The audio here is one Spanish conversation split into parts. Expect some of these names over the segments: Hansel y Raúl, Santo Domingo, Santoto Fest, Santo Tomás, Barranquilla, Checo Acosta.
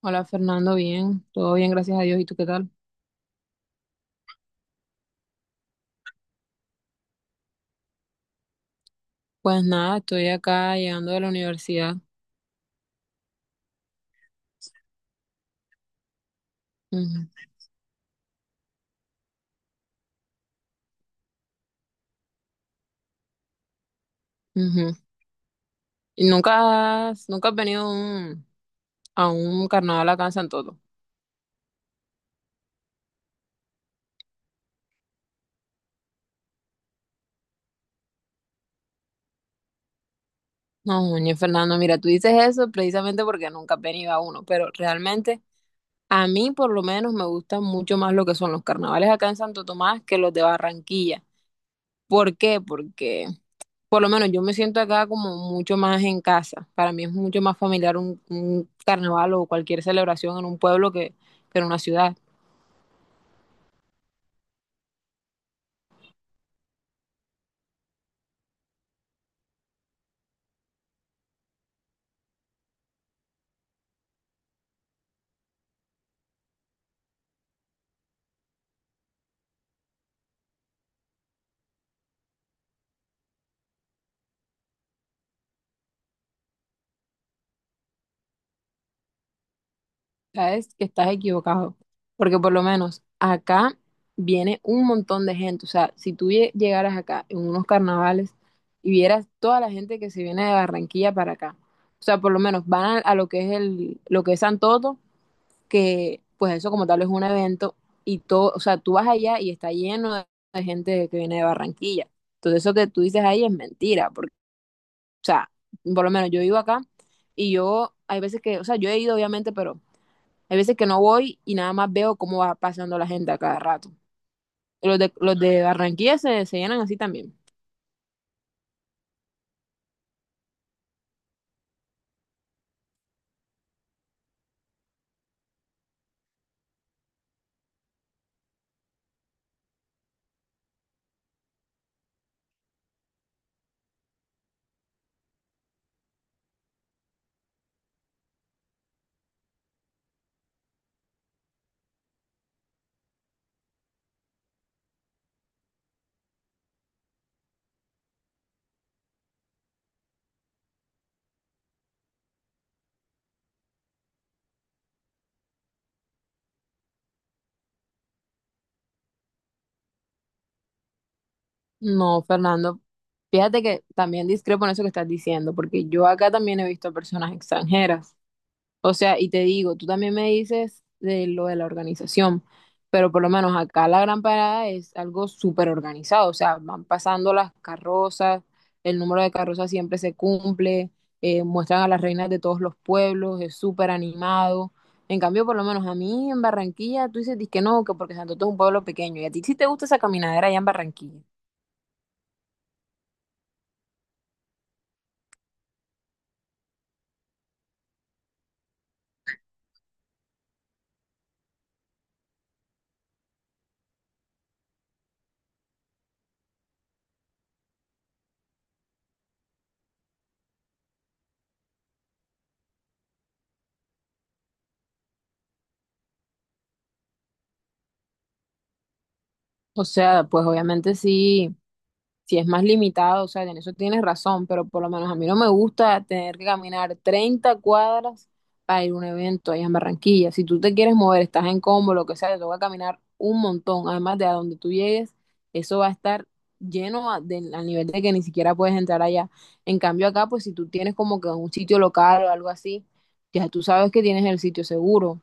Hola Fernando, bien, todo bien, gracias a Dios. ¿Y tú qué tal? Pues nada, estoy acá llegando de la universidad. Ujú, ujú. ¿Y nunca has venido a un carnaval acá en Santo Domingo? No, ñe, Fernando, mira, tú dices eso precisamente porque nunca has venido a uno, pero realmente a mí por lo menos me gustan mucho más lo que son los carnavales acá en Santo Tomás que los de Barranquilla. ¿Por qué? Porque por lo menos yo me siento acá como mucho más en casa. Para mí es mucho más familiar un carnaval o cualquier celebración en un pueblo que en una ciudad. Sabes que estás equivocado, porque por lo menos acá viene un montón de gente. O sea, si tú llegaras acá en unos carnavales y vieras toda la gente que se viene de Barranquilla para acá, o sea, por lo menos van a lo que es lo que es Santoto, que pues eso como tal es un evento y todo. O sea, tú vas allá y está lleno de gente que viene de Barranquilla. Entonces eso que tú dices ahí es mentira, porque, o sea, por lo menos yo vivo acá y yo hay veces que, o sea, yo he ido obviamente, pero hay veces que no voy y nada más veo cómo va pasando la gente a cada rato. Y los de Barranquilla se llenan así también. No, Fernando, fíjate que también discrepo en eso que estás diciendo, porque yo acá también he visto personas extranjeras. O sea, y te digo, tú también me dices de lo de la organización, pero por lo menos acá la Gran Parada es algo súper organizado, o sea, van pasando las carrozas, el número de carrozas siempre se cumple, muestran a las reinas de todos los pueblos, es súper animado. En cambio, por lo menos a mí en Barranquilla, tú dices que no, que porque Santo Tomás es un pueblo pequeño, y a ti sí te gusta esa caminadera allá en Barranquilla. O sea, pues obviamente sí, si es más limitado, o sea, en eso tienes razón, pero por lo menos a mí no me gusta tener que caminar 30 cuadras para ir a un evento allá en Barranquilla. Si tú te quieres mover, estás en combo, lo que sea, te toca caminar un montón. Además de a donde tú llegues, eso va a estar lleno al nivel de que ni siquiera puedes entrar allá. En cambio acá, pues si tú tienes como que un sitio local o algo así, ya tú sabes que tienes el sitio seguro.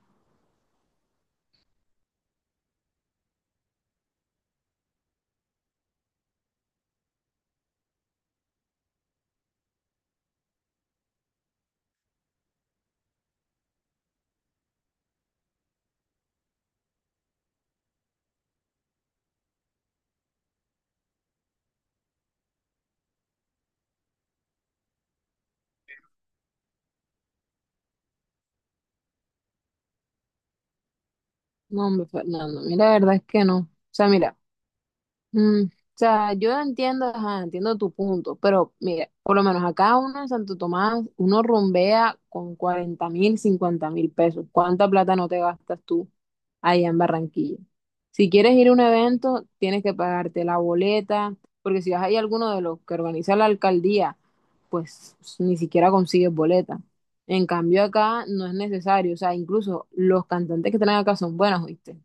No, hombre, Fernando, mira, la verdad es que no. O sea, mira. O sea, yo entiendo, ajá, entiendo tu punto, pero mira, por lo menos acá uno en Santo Tomás, uno rumbea con 40.000, 50.000 pesos. ¿Cuánta plata no te gastas tú allá en Barranquilla? Si quieres ir a un evento, tienes que pagarte la boleta, porque si vas ahí a alguno de los que organiza la alcaldía, pues ni siquiera consigues boleta. En cambio acá no es necesario, o sea, incluso los cantantes que están acá son buenos, ¿oíste?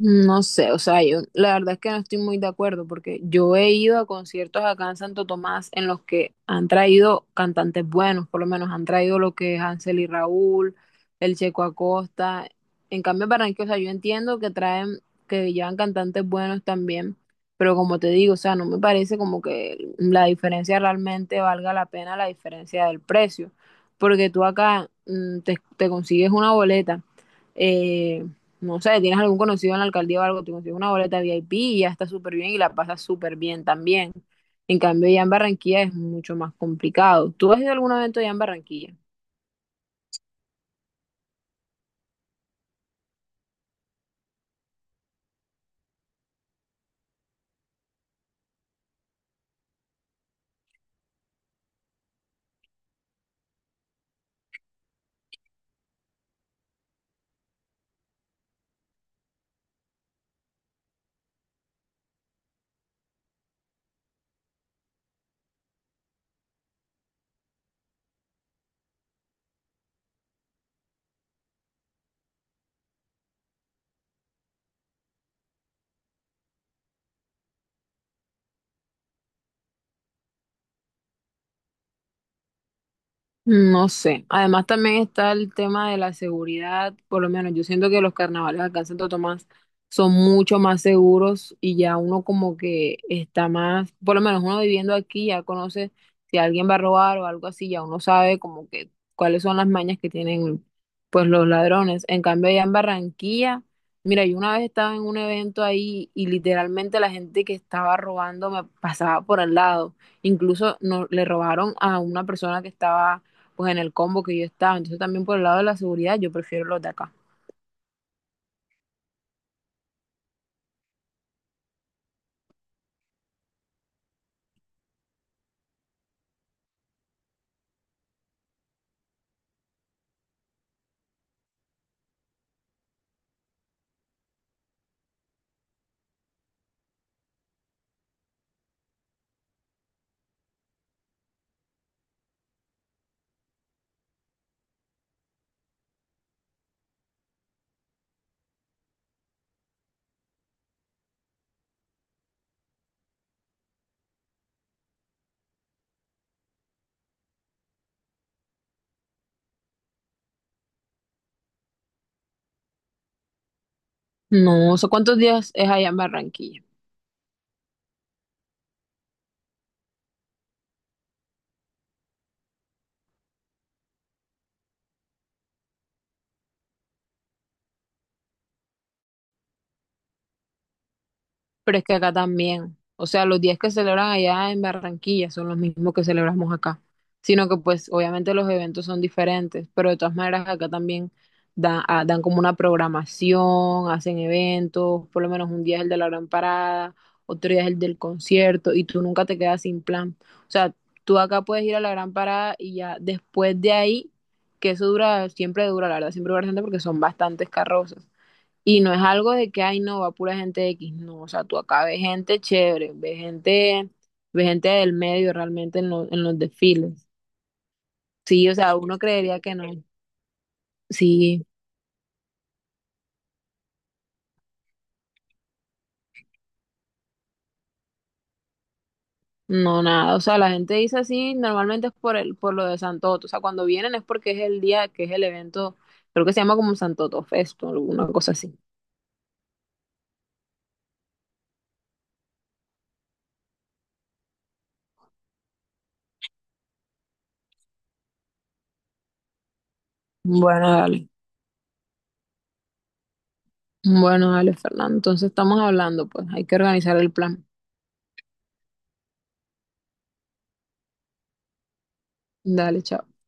No sé, o sea, yo la verdad es que no estoy muy de acuerdo porque yo he ido a conciertos acá en Santo Tomás en los que han traído cantantes buenos, por lo menos han traído lo que es Hansel y Raúl, el Checo Acosta. En cambio, en Barranquilla, o sea, yo entiendo que traen, que llevan cantantes buenos también, pero como te digo, o sea, no me parece como que la diferencia realmente valga la pena la diferencia del precio, porque tú acá te consigues una boleta, eh, no sé, tienes algún conocido en la alcaldía o algo, te consigues una boleta VIP y ya está súper bien y la pasas súper bien también. En cambio, ya en Barranquilla es mucho más complicado. ¿Tú has ido a algún evento ya en Barranquilla? No sé. Además también está el tema de la seguridad, por lo menos yo siento que los carnavales acá en Santo Tomás son mucho más seguros y ya uno como que está más, por lo menos uno viviendo aquí ya conoce si alguien va a robar o algo así, ya uno sabe como que cuáles son las mañas que tienen pues los ladrones. En cambio allá en Barranquilla, mira, yo una vez estaba en un evento ahí y literalmente la gente que estaba robando me pasaba por al lado. Incluso no, le robaron a una persona que estaba pues en el combo que yo estaba. Entonces también por el lado de la seguridad yo prefiero los de acá. No sé cuántos días es allá en Barranquilla. Pero es que acá también, o sea, los días que celebran allá en Barranquilla son los mismos que celebramos acá, sino que pues obviamente los eventos son diferentes, pero de todas maneras acá también dan como una programación, hacen eventos. Por lo menos un día es el de la gran parada, otro día es el del concierto y tú nunca te quedas sin plan. O sea, tú acá puedes ir a la gran parada y ya después de ahí, que eso dura, siempre dura, la verdad, siempre dura bastante porque son bastantes carrozas. Y no es algo de que, ay, no, va pura gente X. No, o sea, tú acá ves gente chévere, ves gente del medio realmente en los desfiles. Sí, o sea, uno creería que no. Sí, no, nada. O sea, la gente dice así, normalmente es por lo de Santoto. O sea, cuando vienen es porque es el día que es el evento, creo que se llama como Santoto Fest o alguna cosa así. Bueno, dale. Bueno, dale, Fernando. Entonces estamos hablando, pues hay que organizar el plan. Dale, chao.